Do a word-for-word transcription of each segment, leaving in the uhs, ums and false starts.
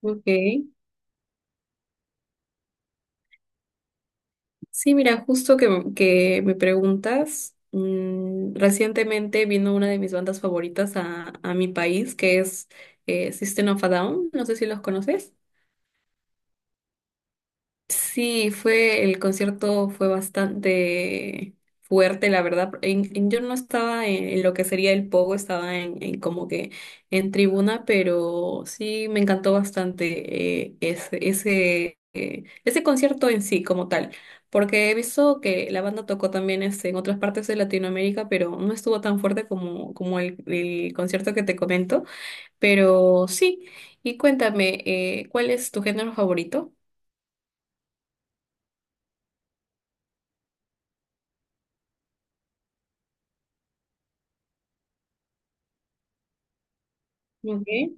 Ok. Sí, mira, justo que, que me preguntas, mm, recientemente vino una de mis bandas favoritas a, a mi país, que es eh, System of a Down, no sé si los conoces. Sí, fue, el concierto fue bastante fuerte, la verdad. En- en- yo no estaba en, en lo que sería el pogo, estaba en, en como que en tribuna, pero sí me encantó bastante eh, ese, ese, eh, ese concierto en sí como tal, porque he visto que la banda tocó también este, en otras partes de Latinoamérica, pero no estuvo tan fuerte como, como el, el concierto que te comento, pero sí. Y cuéntame, eh, ¿cuál es tu género favorito? Ok.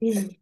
Sí.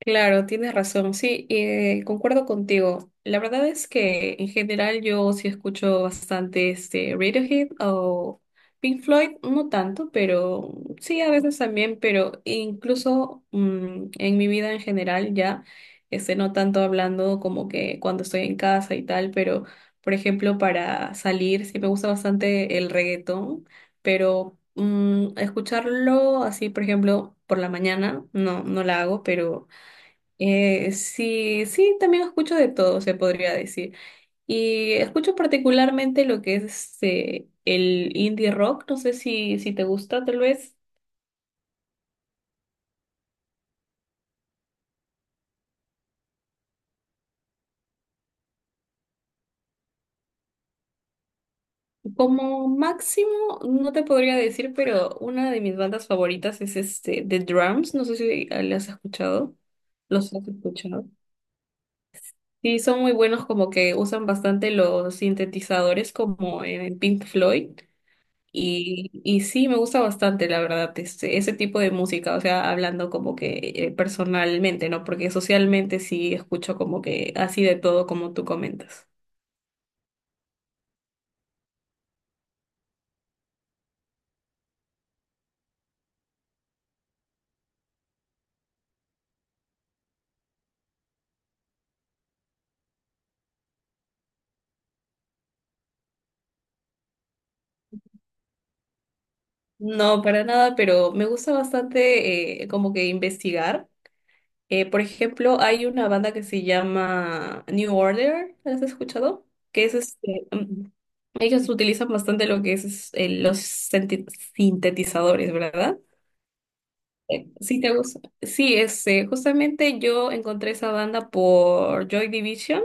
Claro, tienes razón, sí, eh, concuerdo contigo. La verdad es que en general yo sí escucho bastante este Radiohead o Pink Floyd, no tanto, pero sí a veces también, pero incluso mm, en mi vida en general ya, este, no tanto hablando como que cuando estoy en casa y tal, pero por ejemplo para salir sí me gusta bastante el reggaetón, pero mm, escucharlo así, por ejemplo, por la mañana, no, no la hago, pero eh, sí, sí, también escucho de todo, se podría decir. Y escucho particularmente lo que es este, el indie rock, no sé si, si te gusta, tal vez. Como máximo, no te podría decir, pero una de mis bandas favoritas es este, The Drums, no sé si ah, las has escuchado. ¿Los has escuchado? Sí, son muy buenos, como que usan bastante los sintetizadores como en Pink Floyd. Y, y sí, me gusta bastante, la verdad, este, ese tipo de música, o sea, hablando como que eh, personalmente, ¿no? Porque socialmente sí escucho como que así de todo como tú comentas. No, para nada, pero me gusta bastante eh, como que investigar. Eh, por ejemplo, hay una banda que se llama New Order, ¿la has escuchado? Que es este, mm, ellos utilizan bastante lo que es es, eh, los senti- sintetizadores, ¿verdad? Eh, Sí, te gusta. Sí, es, eh, justamente yo encontré esa banda por Joy Division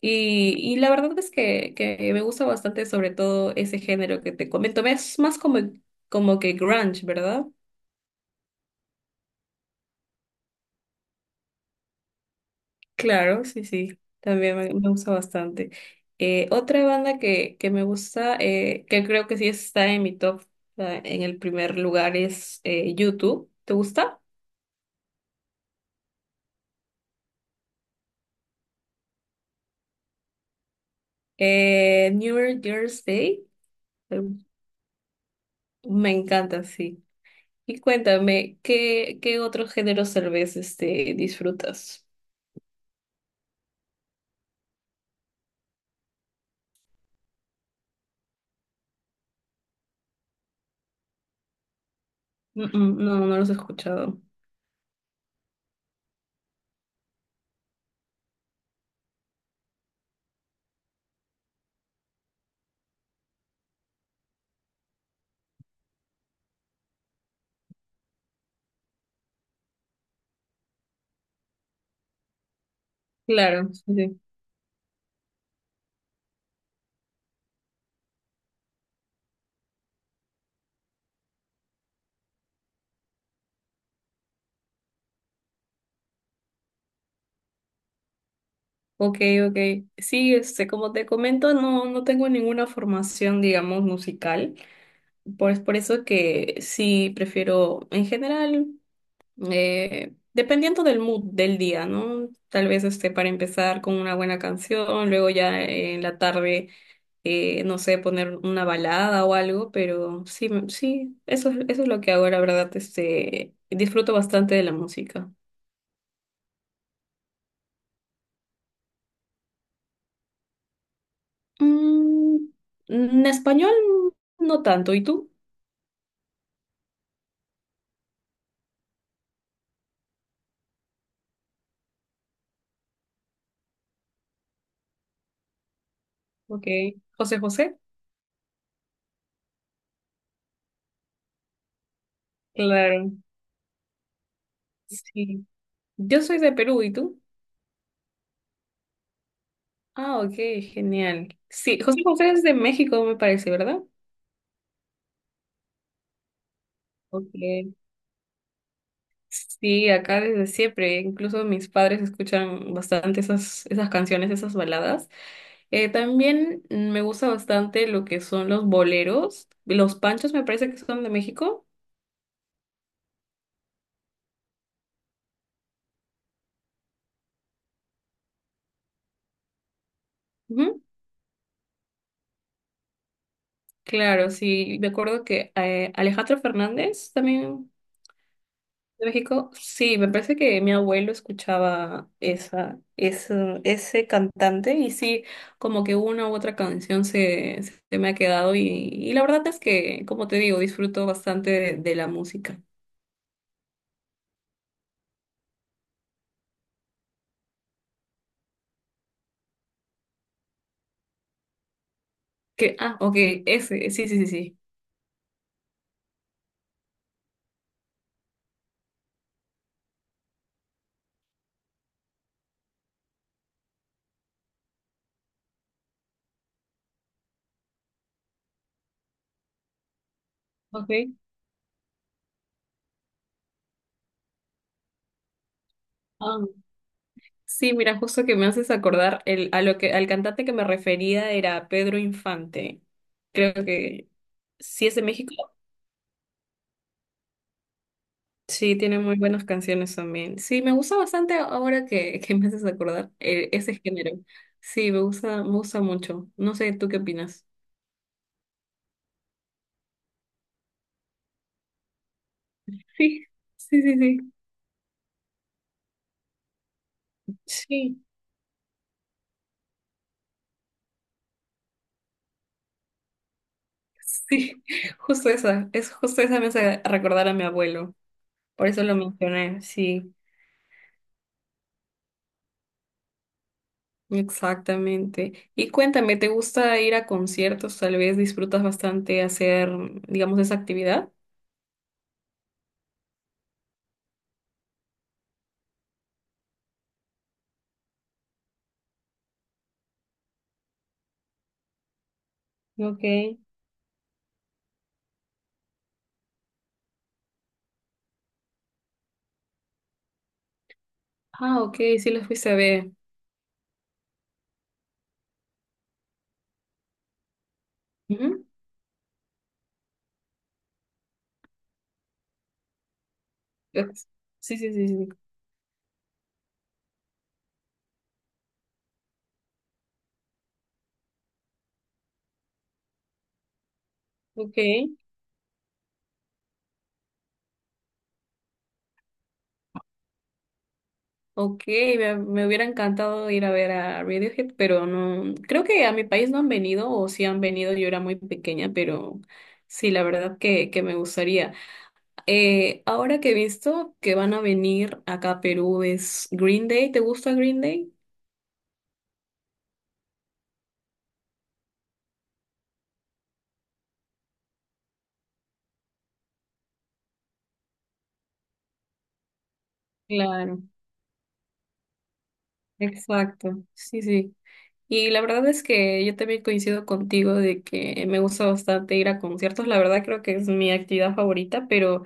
y, y la verdad es que, que me gusta bastante sobre todo ese género que te comento. Es más como, como que grunge, ¿verdad? Claro, sí, sí, también me, me gusta bastante. Eh, otra banda que, que me gusta, eh, que creo que sí está en mi top, eh, en el primer lugar, es eh, YouTube. ¿Te gusta? Eh, New Year's Day. Eh, Me encanta, sí. Y cuéntame, ¿qué, qué otros géneros tal vez este, disfrutas? Mm, mm, no, no los he escuchado. Claro, sí. Sí. Ok, ok. Sí, este, como te comento, no, no tengo ninguna formación, digamos, musical. Por, es por eso que sí prefiero, en general, eh, dependiendo del mood del día, ¿no? Tal vez este, para empezar con una buena canción, luego ya en la tarde. Eh, no sé, poner una balada o algo, pero sí, me- sí, eso, es- eso es lo que hago, la verdad, este, disfruto bastante de la música. Mm, en español no tanto, ¿y tú? Ok, José José. Claro, sí. Yo soy de Perú, ¿y tú? Ah, ok, genial. Sí, José José es de México, me parece, ¿verdad? Ok. Sí, acá desde siempre, incluso mis padres escuchan bastante esas, esas canciones, esas baladas. Eh, también me gusta bastante lo que son los boleros, los panchos me parece que son de México. Ujú. Claro, sí, me acuerdo que eh, Alejandro Fernández también de México, sí, me parece que mi abuelo escuchaba esa, esa- ese cantante y sí, como que una u otra canción se, se me ha quedado y, y la verdad es que, como te digo, disfruto bastante de, de la música. Que, ah, ok, ese, sí, sí, sí, sí. Ok. Ah, sí, mira, justo que me haces acordar el, a lo que, al cantante que me refería era Pedro Infante. Creo que sí es de México. Sí, tiene muy buenas canciones también. Sí, me gusta bastante ahora que, que me haces acordar eh, ese género. Sí, me gusta, me gusta mucho. No sé, ¿tú qué opinas? Sí, sí, sí, sí. Sí, sí. Justo esa. Es justo esa me hace recordar a mi abuelo. Por eso lo mencioné. Sí, exactamente. Y cuéntame, ¿te gusta ir a conciertos? Tal vez disfrutas bastante hacer, digamos, esa actividad. Ok. Ah, ok, sí los fuiste a ver. Ujú. Sí, sí, sí, sí. Ok, ok, me, me hubiera encantado ir a ver a Radiohead, pero no, creo que a mi país no han venido, o si han venido, yo era muy pequeña, pero sí, la verdad que, que me gustaría. Eh, ahora que he visto que van a venir acá a Perú es Green Day, ¿te gusta Green Day? Claro, exacto, sí, sí. Y la verdad es que yo también coincido contigo de que me gusta bastante ir a conciertos, la verdad creo que es mi actividad favorita, pero...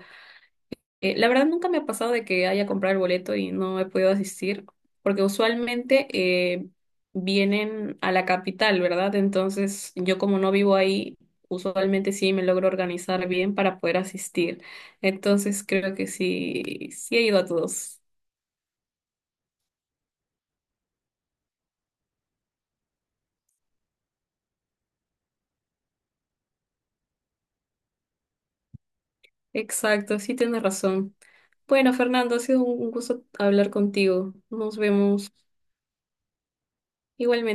Eh, la verdad nunca me ha pasado de que haya comprado el boleto y no he podido asistir, porque usualmente eh, vienen a la capital, ¿verdad? Entonces yo como no vivo ahí, usualmente sí me logro organizar bien para poder asistir. Entonces creo que sí, sí he ido a todos. Exacto, sí tienes razón. Bueno, Fernando, ha sido un un gusto hablar contigo. Nos vemos igualmente.